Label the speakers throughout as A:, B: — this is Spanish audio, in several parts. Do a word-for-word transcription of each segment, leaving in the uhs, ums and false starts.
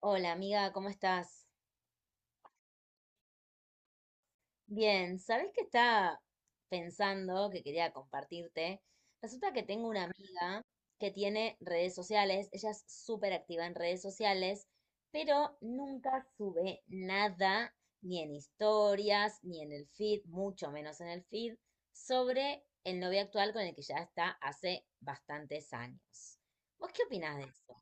A: Hola amiga, ¿cómo estás? Bien, ¿sabés qué estaba pensando que quería compartirte? Resulta que tengo una amiga que tiene redes sociales, ella es súper activa en redes sociales, pero nunca sube nada, ni en historias, ni en el feed, mucho menos en el feed, sobre el novio actual con el que ya está hace bastantes años. ¿Vos qué opinás de eso?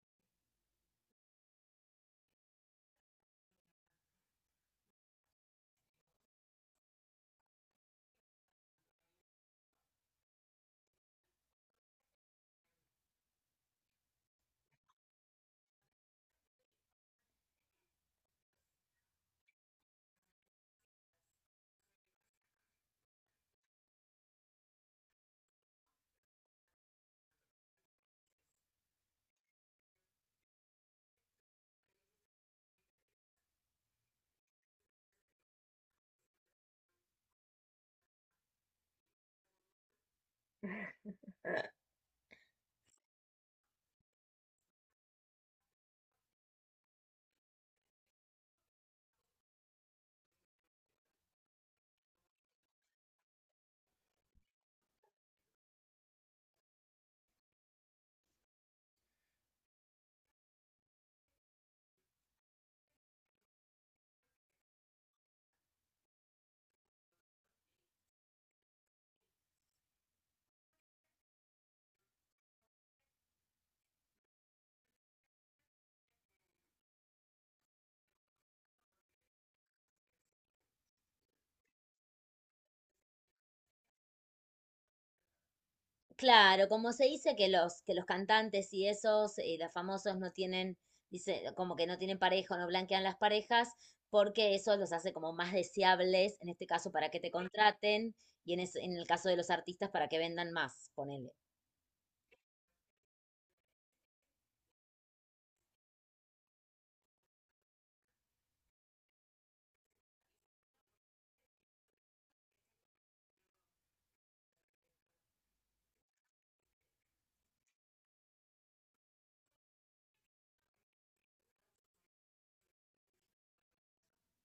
A: Claro, como se dice que los, que los cantantes y esos, eh, los famosos no tienen, dice, como que no tienen pareja o no blanquean las parejas, porque eso los hace como más deseables, en este caso para que te contraten, y en, es- en el caso de los artistas para que vendan más, ponele.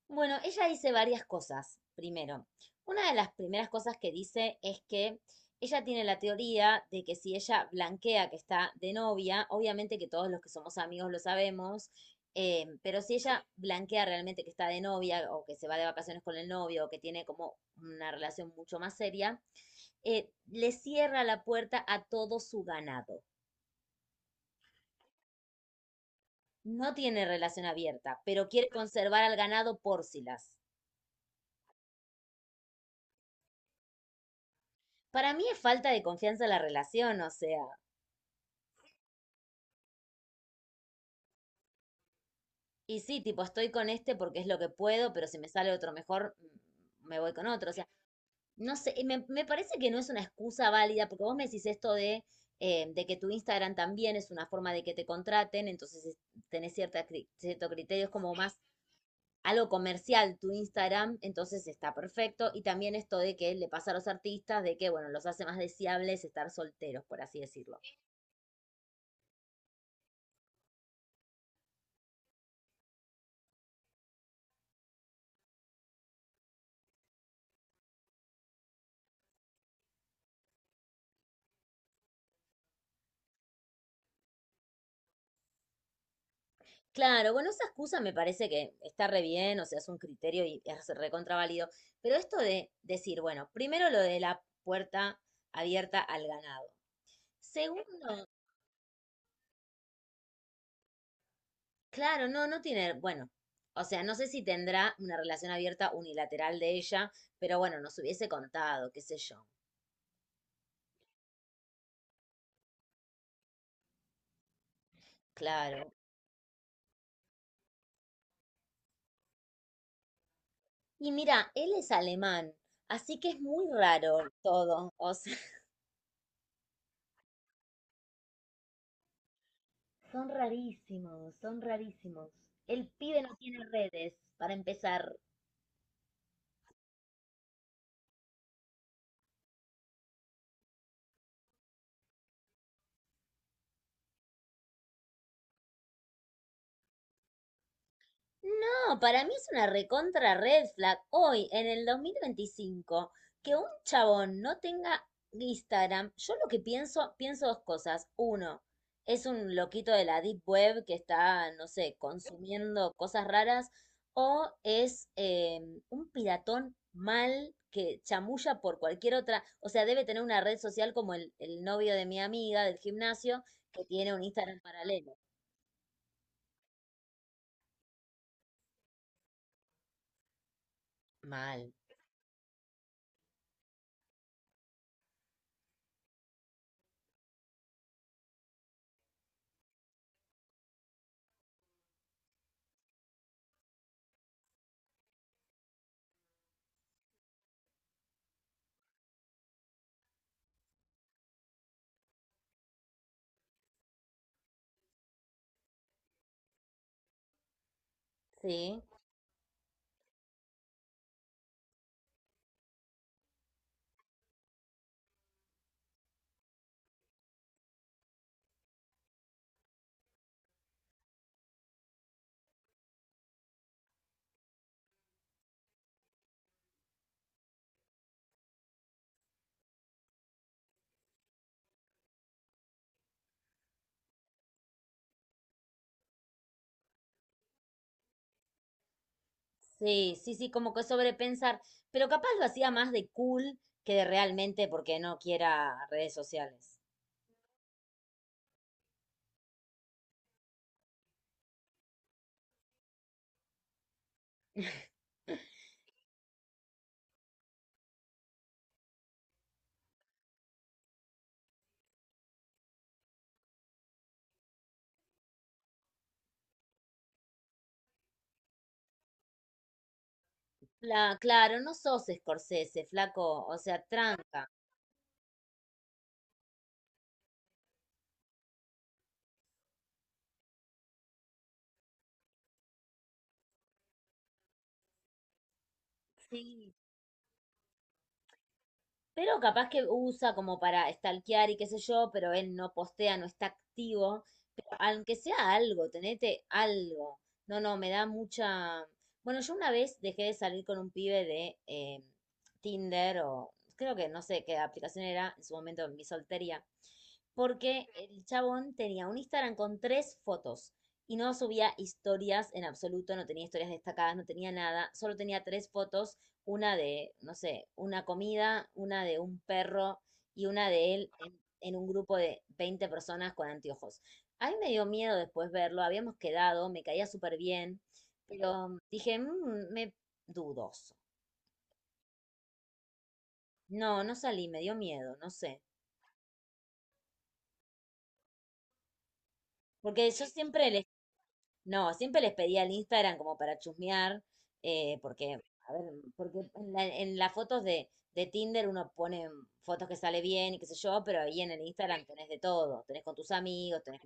A: Bueno, ella dice varias cosas. Primero, una de las primeras cosas que dice es que ella tiene la teoría de que si ella blanquea que está de novia, obviamente que todos los que somos amigos lo sabemos, eh, pero si ella blanquea realmente que está de novia o que se va de vacaciones con el novio o que tiene como una relación mucho más seria, eh, le cierra la puerta a todo su ganado. No tiene relación abierta, pero quiere conservar al ganado por si las. Para mí es falta de confianza en la relación, o sea, y sí, tipo, estoy con este porque es lo que puedo, pero si me sale otro mejor, mm, me voy con otro. O sea, no sé, y me, me parece que no es una excusa válida, porque vos me decís esto de, eh, de que tu Instagram también es una forma de que te contraten, entonces es- tenés cierta, cri- cierto criterio, es como más algo comercial tu Instagram, entonces está perfecto. Y también esto de que le pasa a los artistas, de que, bueno, los hace más deseables estar solteros, por así decirlo. Claro, bueno, esa excusa me parece que está re bien, o sea, es un criterio y es recontraválido, pero esto de decir, bueno, primero lo de la puerta abierta al ganado. Segundo, claro, no, no tiene, bueno, o sea, no sé si tendrá una relación abierta unilateral de ella, pero bueno, nos hubiese contado, qué sé yo, claro. Y mira, él es alemán, así que es muy raro todo, o sea, Son rarísimos, son rarísimos. El pibe no tiene redes, para empezar. No, para mí es una recontra red flag hoy, en el dos mil veinticinco que un chabón no tenga Instagram. Yo lo que pienso, pienso dos cosas. Uno, es un loquito de la deep web que está, no sé, consumiendo cosas raras. O es eh, un piratón mal que chamulla por cualquier otra. O sea, debe tener una red social como el, el novio de mi amiga del gimnasio que tiene un Instagram paralelo. Mal. Sí. Sí, sí, sí, como que sobrepensar, pero capaz lo hacía más de cool que de realmente porque no quiera redes sociales. La, claro, no sos Scorsese, flaco, o sea, tranca. Sí. Pero capaz que usa como para stalkear y qué sé yo, pero él no postea, no está activo. Pero aunque sea algo, tenete algo. No, no, me da mucha... Bueno, yo una vez dejé de salir con un pibe de eh, Tinder o creo que no sé qué aplicación era en su momento en mi soltería, porque el chabón tenía un Instagram con tres fotos y no subía historias en absoluto, no tenía historias destacadas, no tenía nada, solo tenía tres fotos una de, no sé, una comida, una de un perro y una de él en, en un grupo de veinte personas con anteojos. A mí me dio miedo después verlo, habíamos quedado, me caía súper bien, pero mm, dije, "Mm, me dudoso. No, no salí, me dio miedo, no sé. Porque yo siempre le No, siempre les pedía el Instagram como para chusmear, eh, porque, a ver, porque en la- en las fotos de, de Tinder uno pone fotos que sale bien y qué sé yo, pero ahí en el Instagram tenés de todo, tenés con tus amigos, tenés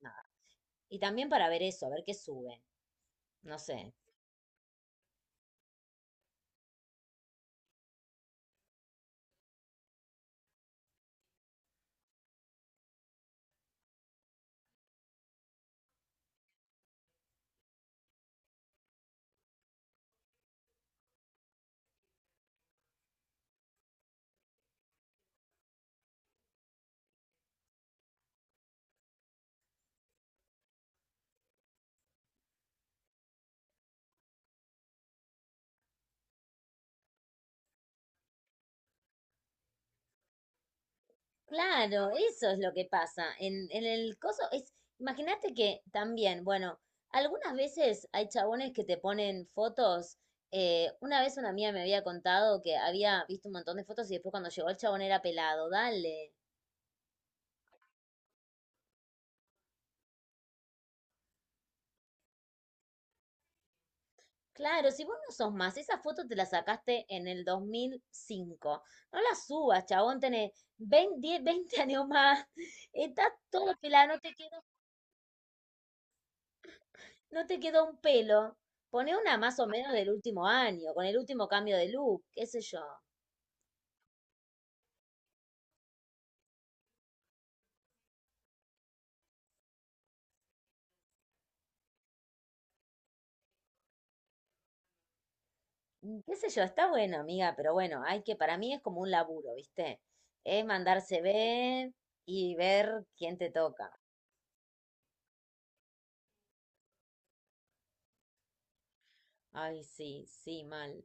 A: nada. Y también para ver eso, a ver qué sube, no sé. Claro, eso es lo que pasa. En, en el coso es, imagínate que también, bueno, algunas veces hay chabones que te ponen fotos. Eh, una vez una amiga me había contado que había visto un montón de fotos y después cuando llegó el chabón era pelado. Dale. Claro, si vos no sos más, esa foto te la sacaste en el dos mil cinco. No la subas, chabón, tenés veinte diez, veinte años más. Estás todo pelado, no te quedó No te quedó un pelo. Poné una más o menos del último año, con el último cambio de look, qué sé yo. Mm, qué sé yo, está bueno, amiga, pero bueno, hay que, para mí es como un laburo, ¿viste? Es mandarse ver y ver quién te toca. Ay, sí, sí, mal.